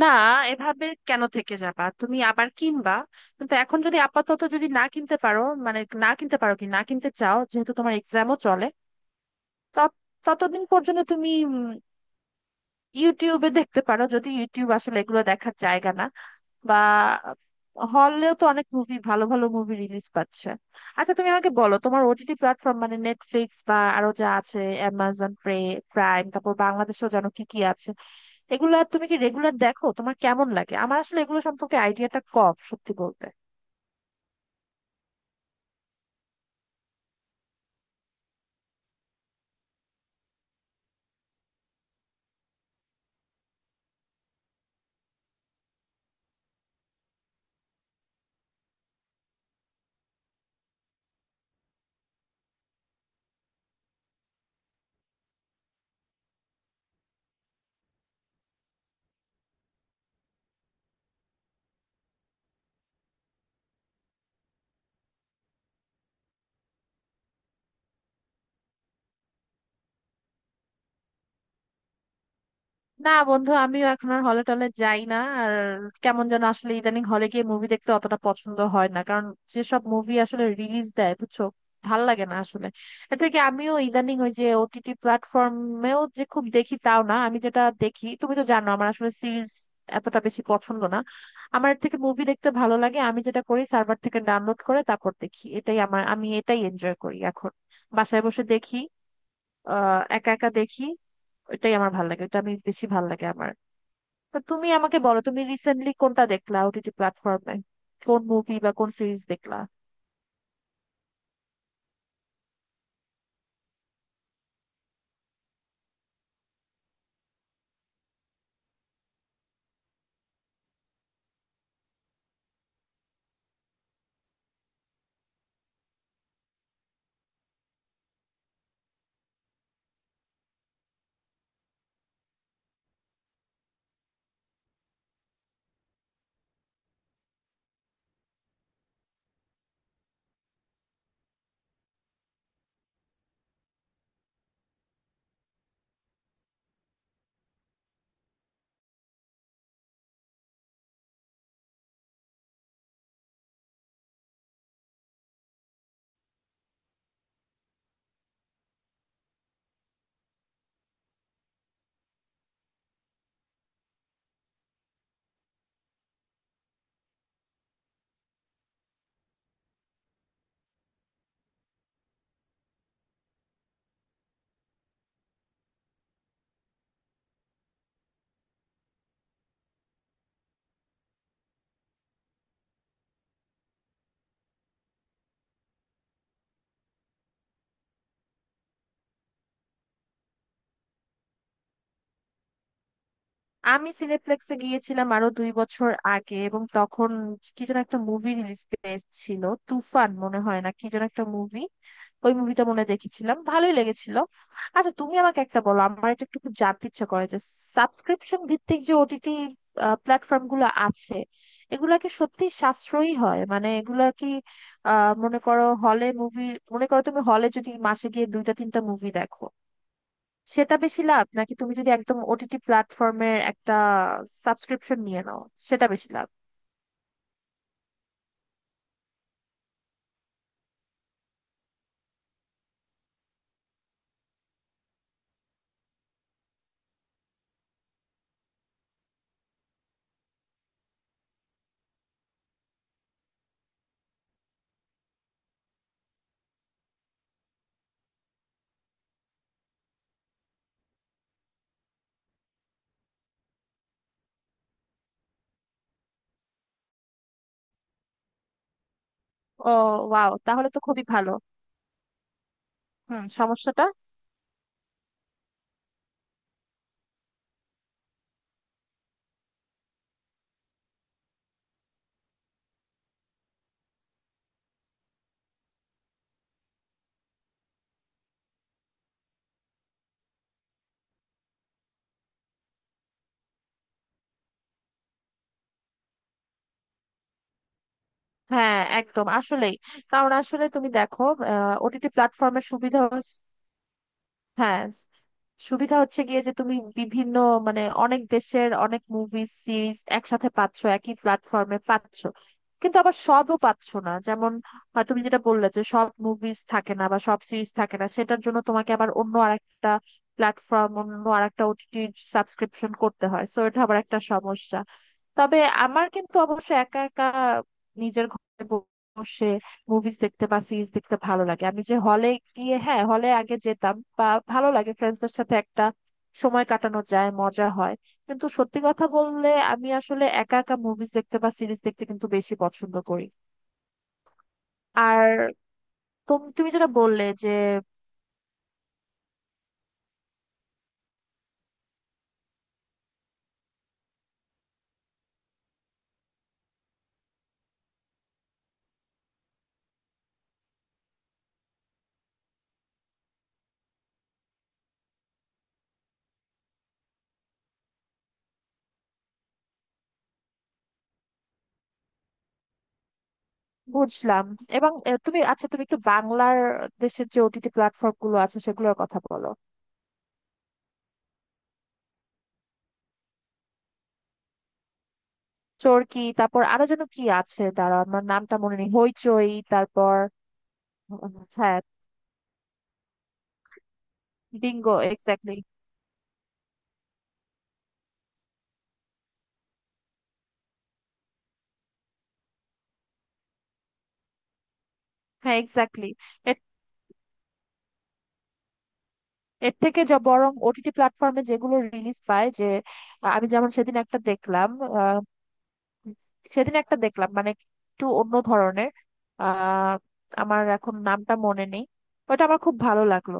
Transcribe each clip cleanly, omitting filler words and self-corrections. না, এভাবে কেন থেকে যাবা? তুমি আবার কিনবা। কিন্তু এখন যদি আপাতত যদি না কিনতে পারো, মানে না কিনতে পারো কি না কিনতে চাও, যেহেতু তোমার এক্সামও চলে, তত- ততদিন পর্যন্ত তুমি ইউটিউবে দেখতে পারো। যদি ইউটিউব আসলে এগুলো দেখার জায়গা না, বা হলেও তো অনেক মুভি, ভালো ভালো মুভি রিলিজ পাচ্ছে। আচ্ছা তুমি আমাকে বলো, তোমার ওটিটি প্ল্যাটফর্ম মানে নেটফ্লিক্স বা আরো যা আছে অ্যামাজন প্রে প্রাইম, তারপর বাংলাদেশেও জানো কি কি আছে, এগুলা তুমি কি রেগুলার দেখো? তোমার কেমন লাগে? আমার আসলে এগুলো সম্পর্কে আইডিয়াটা কম, সত্যি বলতে। না বন্ধু, আমিও এখন আর হলে টলে যাই না আর। কেমন যেন আসলে ইদানিং হলে গিয়ে মুভি দেখতে অতটা পছন্দ হয় না, কারণ যেসব মুভি আসলে রিলিজ দেয় বুঝছো, ভাল লাগে না আসলে। এর থেকে আমিও ইদানিং ওই যে ওটিটি প্ল্যাটফর্মেও যে খুব দেখি তাও না। আমি যেটা দেখি, তুমি তো জানো আমার আসলে সিরিজ এতটা বেশি পছন্দ না, আমার এর থেকে মুভি দেখতে ভালো লাগে। আমি যেটা করি, সার্ভার থেকে ডাউনলোড করে তারপর দেখি, এটাই আমার, আমি এটাই এনজয় করি এখন। বাসায় বসে দেখি, একা একা দেখি। ওইটাই আমার ভালো লাগে, ওটা আমি বেশি ভালো লাগে আমার। তা তুমি আমাকে বলো, তুমি রিসেন্টলি কোনটা দেখলা ওটিটি প্ল্যাটফর্মে? কোন মুভি বা কোন সিরিজ দেখলা? আমি সিনেপ্লেক্সে গিয়েছিলাম আরো দুই বছর আগে, এবং তখন কি যেন একটা মুভি রিলিজ পেয়েছিল, তুফান মনে হয়, না কি যেন একটা মুভি। ওই মুভিটা মনে হয় দেখেছিলাম, ভালোই লেগেছিল। আচ্ছা তুমি আমাকে একটা বলো, আমার এটা একটু খুব জানতে ইচ্ছা করে যে, সাবস্ক্রিপশন ভিত্তিক যে ওটিটি প্ল্যাটফর্ম গুলো আছে, এগুলা কি সত্যি সাশ্রয়ী হয়? মানে এগুলা কি মনে করো হলে মুভি, মনে করো তুমি হলে যদি মাসে গিয়ে দুইটা তিনটা মুভি দেখো, সেটা বেশি লাভ, নাকি তুমি যদি একদম ওটিটি প্ল্যাটফর্মের একটা সাবস্ক্রিপশন নিয়ে নাও, সেটা বেশি লাভ? ও, ওয়াও, তাহলে তো খুবই ভালো। হুম, সমস্যাটা? হ্যাঁ একদম, আসলেই। কারণ আসলে তুমি দেখো, ওটিটি প্ল্যাটফর্মের সুবিধা, হ্যাঁ, সুবিধা হচ্ছে গিয়ে যে তুমি বিভিন্ন মানে অনেক দেশের অনেক মুভি সিরিজ একসাথে পাচ্ছ, একই প্ল্যাটফর্মে পাচ্ছ। কিন্তু আবার সবও পাচ্ছ না, যেমন তুমি যেটা বললে, যে সব মুভিজ থাকে না বা সব সিরিজ থাকে না, সেটার জন্য তোমাকে আবার অন্য আরেকটা প্ল্যাটফর্ম, অন্য আরেকটা ওটিটি সাবস্ক্রিপশন করতে হয়, সো এটা আবার একটা সমস্যা। তবে আমার কিন্তু অবশ্য একা একা নিজের ঘরে বসে মুভিজ দেখতে বা সিরিজ দেখতে ভালো লাগে। আমি যে হলে গিয়ে, হ্যাঁ হলে আগে যেতাম, বা ভালো লাগে ফ্রেন্ডসদের সাথে একটা সময় কাটানো যায়, মজা হয়। কিন্তু সত্যি কথা বললে আমি আসলে একা একা মুভিজ দেখতে বা সিরিজ দেখতে কিন্তু বেশি পছন্দ করি। আর তুমি তুমি যেটা বললে যে, বুঝলাম। এবং তুমি, আচ্ছা তুমি একটু বাংলার দেশের যে ওটিটি প্ল্যাটফর্ম গুলো আছে সেগুলোর কথা বলো। চরকি, তারপর আরো যেন কি আছে, দাঁড়া, আমার নামটা মনে নেই, হইচই, তারপর হ্যাঁ বিঙ্গো, এক্স্যাক্টলি। হ্যাঁ এক্স্যাক্টলি। এর এর থেকে যা বরং ওটিটি প্ল্যাটফর্মে যেগুলো রিলিজ পায়, যে আমি যেমন সেদিন একটা দেখলাম, আহ, সেদিন একটা দেখলাম মানে একটু অন্য ধরনের, আহ আমার এখন নামটা মনে নেই। ওটা আমার খুব ভালো লাগলো।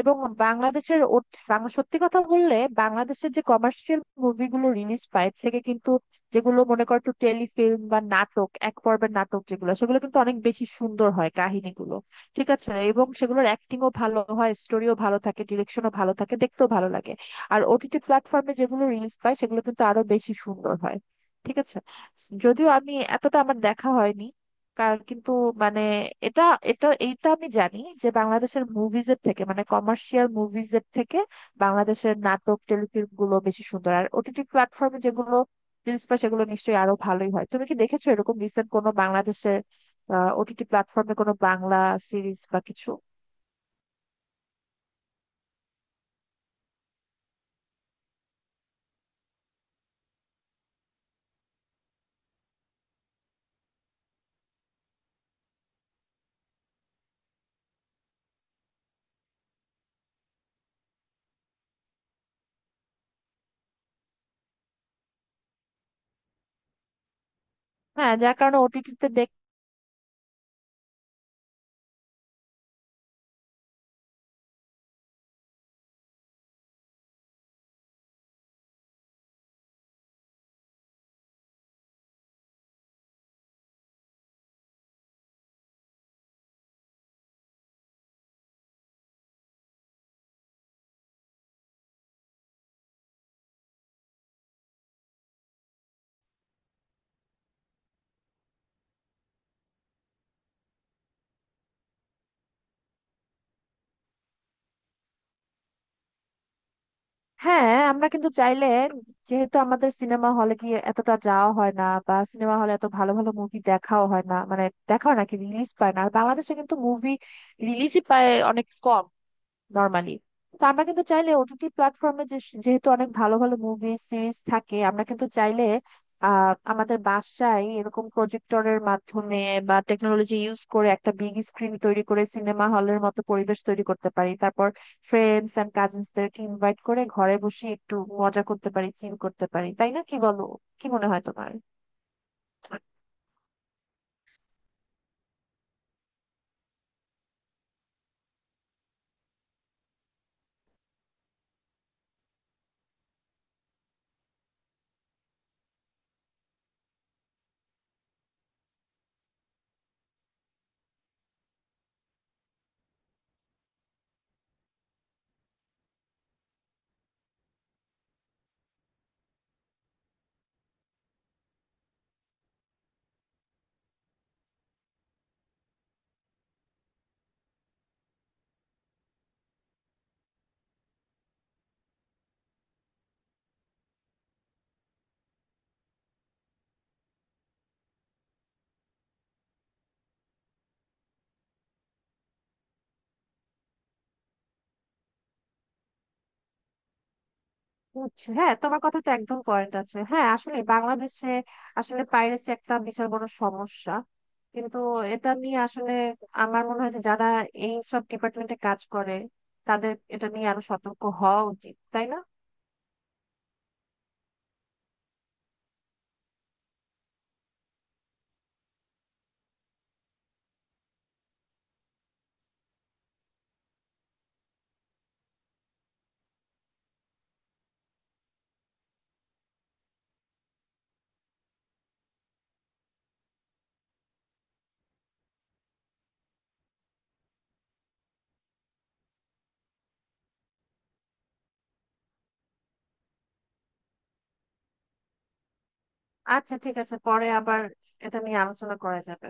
এবং বাংলাদেশের ও- সত্যি কথা বললে, বাংলাদেশের যে কমার্শিয়াল মুভিগুলো রিলিজ পায়, এর থেকে কিন্তু যেগুলো মনে করো একটু টেলিফিল্ম বা নাটক, এক পর্বের নাটক যেগুলো, সেগুলো কিন্তু অনেক বেশি সুন্দর হয় কাহিনীগুলো, ঠিক আছে। এবং সেগুলোর অ্যাক্টিংও ভালো হয়, স্টোরিও ভালো থাকে, ডিরেকশনও ভালো থাকে, দেখতেও ভালো লাগে। আর ওটিটি প্ল্যাটফর্মে যেগুলো রিলিজ পায় সেগুলো কিন্তু আরো বেশি সুন্দর হয়, ঠিক আছে। যদিও আমি এতটা আমার দেখা হয়নি, কার কিন্তু মানে, এটা এটা এইটা আমি জানি যে বাংলাদেশের মুভিজ এর থেকে মানে কমার্শিয়াল মুভিজ এর থেকে বাংলাদেশের নাটক টেলিফিল্ম গুলো বেশি সুন্দর, আর ওটিটি প্ল্যাটফর্মে যেগুলো রিলিজ পায় সেগুলো নিশ্চয়ই আরো ভালোই হয়। তুমি কি দেখেছো এরকম রিসেন্ট কোনো বাংলাদেশের ওটিটি প্ল্যাটফর্মে কোনো বাংলা সিরিজ বা কিছু? হ্যাঁ, যার কারণে ওটিটিতে। হ্যাঁ আমরা কিন্তু চাইলে, যেহেতু আমাদের সিনেমা হলে গিয়ে এতটা যাওয়া হয় না, বা সিনেমা হলে এত ভালো ভালো মুভি দেখাও হয় না, মানে দেখাও নাকি রিলিজ পায় না, আর বাংলাদেশে কিন্তু মুভি রিলিজই পায় অনেক কম নর্মালি। তো আমরা কিন্তু চাইলে ওটিটি প্ল্যাটফর্মে, যেহেতু অনেক ভালো ভালো মুভি সিরিজ থাকে, আমরা কিন্তু চাইলে আমাদের বাসায় এরকম প্রজেক্টরের মাধ্যমে বা টেকনোলজি ইউজ করে একটা বিগ স্ক্রিন তৈরি করে সিনেমা হলের মতো পরিবেশ তৈরি করতে পারি। তারপর ফ্রেন্ডস এন্ড কাজিনসদেরকে ইনভাইট করে ঘরে বসে একটু মজা করতে পারি, চিল করতে পারি, তাই না, কি বলো? কি মনে হয় তোমার? বুঝছি। হ্যাঁ তোমার কথা তো একদম পয়েন্ট আছে। হ্যাঁ আসলে বাংলাদেশে আসলে পাইরেসি একটা বিশাল বড় সমস্যা। কিন্তু এটা নিয়ে আসলে আমার মনে হয় যে, যারা এই সব ডিপার্টমেন্টে কাজ করে তাদের এটা নিয়ে আরো সতর্ক হওয়া উচিত, তাই না? আচ্ছা ঠিক আছে, পরে আবার এটা নিয়ে আলোচনা করা যাবে।